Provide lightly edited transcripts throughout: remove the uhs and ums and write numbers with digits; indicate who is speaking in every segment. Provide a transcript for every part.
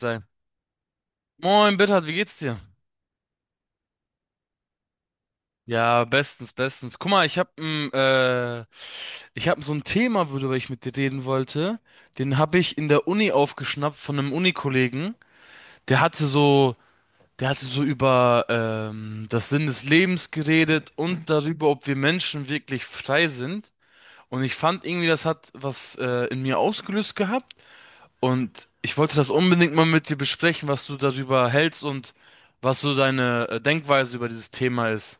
Speaker 1: Sein. Moin, Bittert, wie geht's dir? Ja, bestens, bestens. Guck mal, ich hab ich hab so ein Thema, worüber ich mit dir reden wollte. Den hab ich in der Uni aufgeschnappt von einem Unikollegen. Der hatte so, der hatte so über das Sinn des Lebens geredet und darüber, ob wir Menschen wirklich frei sind. Und ich fand irgendwie, das hat was in mir ausgelöst gehabt. Und ich wollte das unbedingt mal mit dir besprechen, was du darüber hältst und was so deine Denkweise über dieses Thema ist.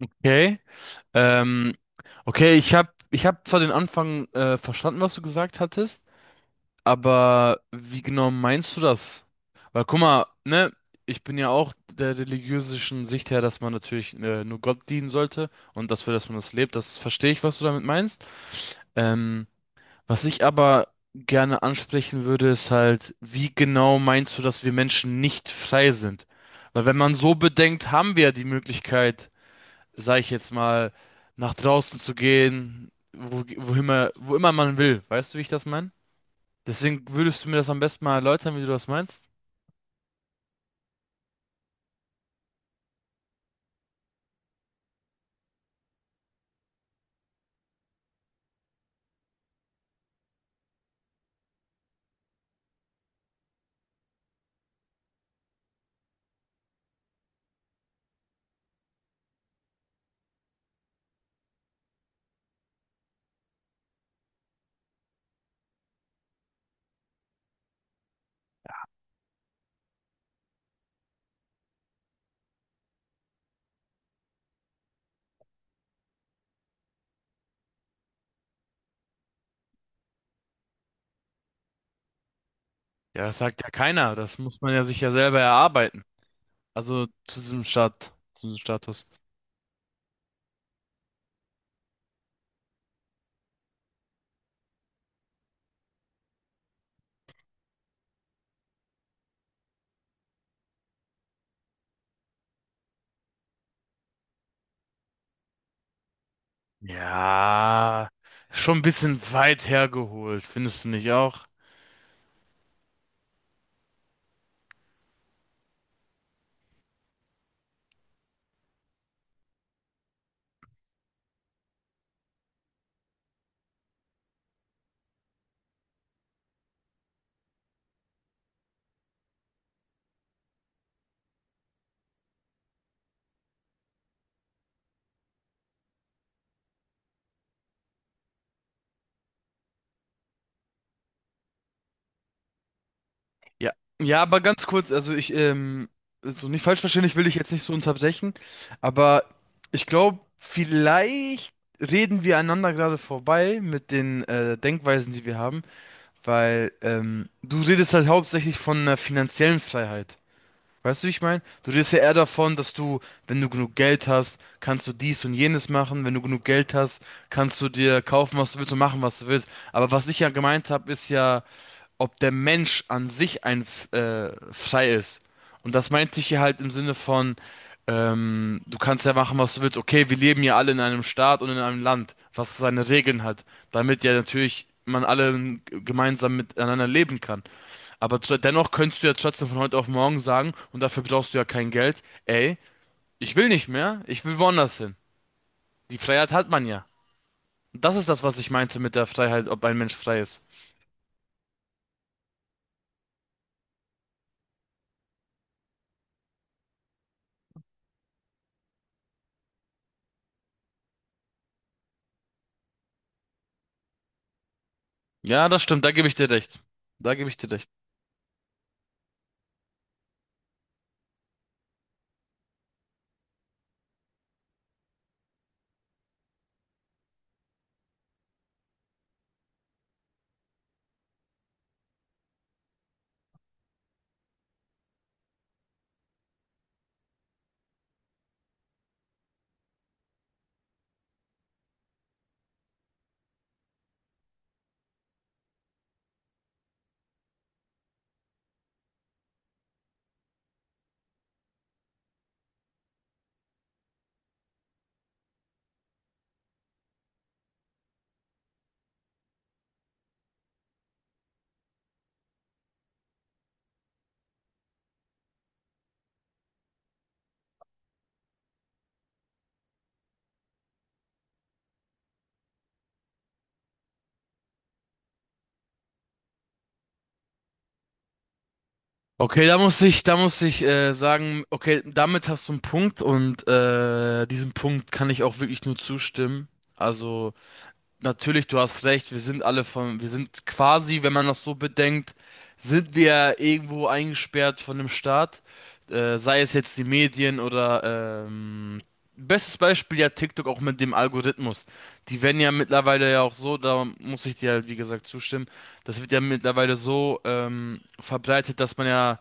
Speaker 1: Okay. Ähm, okay, ich hab zwar den Anfang verstanden, was du gesagt hattest, aber wie genau meinst du das? Weil guck mal, ne, ich bin ja auch der religiösen Sicht her, dass man natürlich nur Gott dienen sollte und dafür, dass man das lebt, das verstehe ich, was du damit meinst. Ähm, was ich aber gerne ansprechen würde, ist halt, wie genau meinst du, dass wir Menschen nicht frei sind? Weil wenn man so bedenkt, haben wir ja die Möglichkeit, sag ich jetzt mal, nach draußen zu gehen, wo immer man will. Weißt du, wie ich das meine? Deswegen würdest du mir das am besten mal erläutern, wie du das meinst? Ja, das sagt ja keiner. Das muss man ja sich ja selber erarbeiten. Also zu diesem zu diesem Status. Ja, schon ein bisschen weit hergeholt, findest du nicht auch? Ja, ja, aber ganz kurz, also so nicht falsch verstehen, ich will dich jetzt nicht so unterbrechen, aber ich glaube, vielleicht reden wir einander gerade vorbei mit den Denkweisen, die wir haben, weil du redest halt hauptsächlich von einer finanziellen Freiheit. Weißt du, wie ich meine? Du redest ja eher davon, dass du, wenn du genug Geld hast, kannst du dies und jenes machen. Wenn du genug Geld hast, kannst du dir kaufen, was du willst und machen, was du willst. Aber was ich ja gemeint habe, ist ja, ob der Mensch an sich ein frei ist. Und das meinte ich hier halt im Sinne von, du kannst ja machen, was du willst. Okay, wir leben ja alle in einem Staat und in einem Land, was seine Regeln hat, damit ja natürlich man alle gemeinsam miteinander leben kann. Aber dennoch könntest du ja trotzdem von heute auf morgen sagen, und dafür brauchst du ja kein Geld, ey, ich will nicht mehr, ich will woanders hin. Die Freiheit hat man ja. Und das ist das, was ich meinte mit der Freiheit, ob ein Mensch frei ist. Ja, das stimmt, da gebe ich dir recht. Da gebe ich dir recht. Okay, da muss ich sagen, okay, damit hast du einen Punkt und diesem Punkt kann ich auch wirklich nur zustimmen. Also natürlich, du hast recht. Wir sind quasi, wenn man das so bedenkt, sind wir irgendwo eingesperrt von dem Staat. Sei es jetzt die Medien oder bestes Beispiel ja TikTok auch mit dem Algorithmus. Die werden ja mittlerweile ja auch so, da muss ich dir halt wie gesagt zustimmen, das wird ja mittlerweile so verbreitet, dass man ja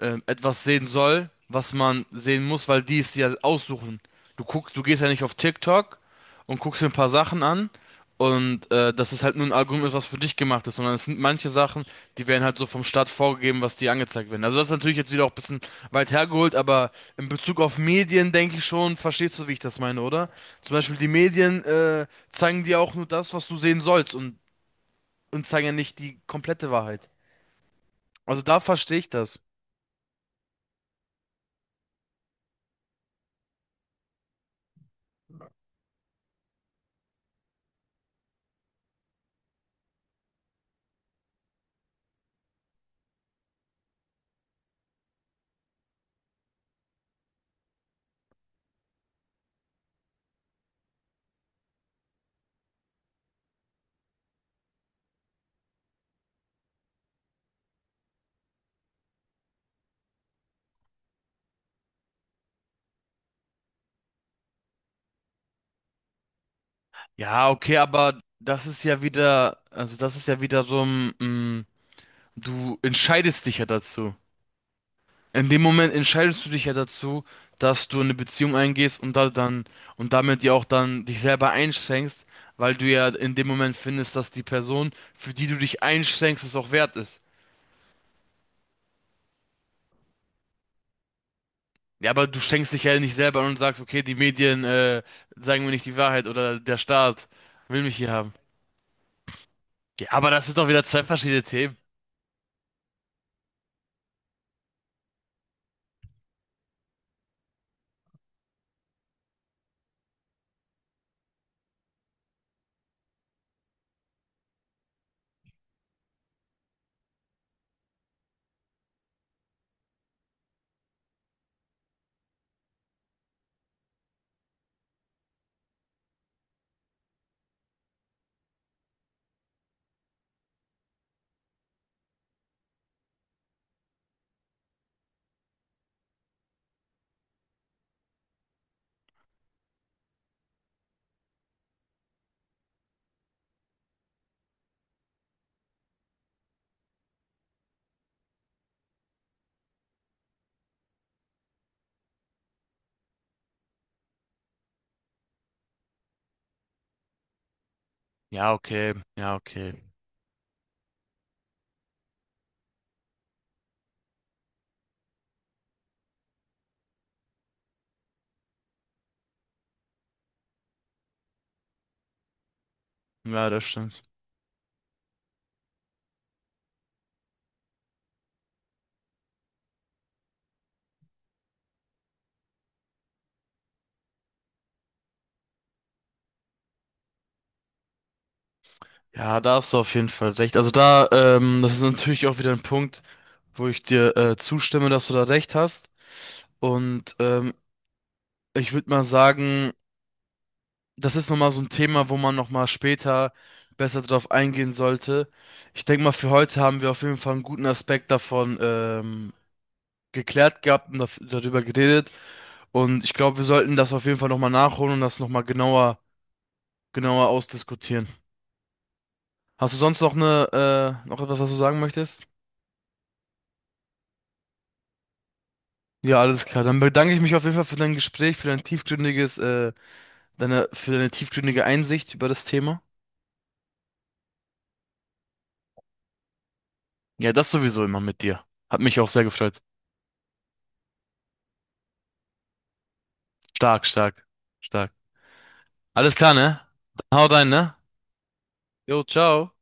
Speaker 1: etwas sehen soll, was man sehen muss, weil die es dir aussuchen. Du gehst ja nicht auf TikTok und guckst dir ein paar Sachen an und das ist halt nur ein Algorithmus, was für dich gemacht ist, sondern es sind manche Sachen, die werden halt so vom Staat vorgegeben, was dir angezeigt werden. Also das ist natürlich jetzt wieder auch ein bisschen weit hergeholt, aber in Bezug auf Medien denke ich schon, verstehst du, wie ich das meine, oder? Zum Beispiel die Medien zeigen dir auch nur das, was du sehen sollst und zeigen ja nicht die komplette Wahrheit. Also da verstehe ich das. Ja, okay, aber das ist ja wieder, also das ist ja wieder so ein, mm, du entscheidest dich ja dazu. In dem Moment entscheidest du dich ja dazu, dass du eine Beziehung eingehst und da dann und damit ja auch dann dich selber einschränkst, weil du ja in dem Moment findest, dass die Person, für die du dich einschränkst, es auch wert ist. Ja, aber du schenkst dich ja nicht selber an und sagst, okay, die Medien sagen mir nicht die Wahrheit oder der Staat will mich hier haben. Ja, aber das sind doch wieder zwei verschiedene Themen. Ja, okay, ja, okay. Ja, das stimmt. Ja, da hast du auf jeden Fall recht. Also da, das ist natürlich auch wieder ein Punkt, wo ich dir zustimme, dass du da recht hast. Und ich würde mal sagen, das ist nochmal so ein Thema, wo man nochmal später besser drauf eingehen sollte. Ich denke mal, für heute haben wir auf jeden Fall einen guten Aspekt davon geklärt gehabt und darüber geredet. Und ich glaube, wir sollten das auf jeden Fall nochmal nachholen und das nochmal genauer ausdiskutieren. Hast du sonst noch eine, noch etwas, was du sagen möchtest? Ja, alles klar. Dann bedanke ich mich auf jeden Fall für dein Gespräch, für dein für deine tiefgründige Einsicht über das Thema. Ja, das sowieso immer mit dir. Hat mich auch sehr gefreut. Stark, stark, stark. Alles klar, ne? Dann haut rein, ne? Jo, ciao.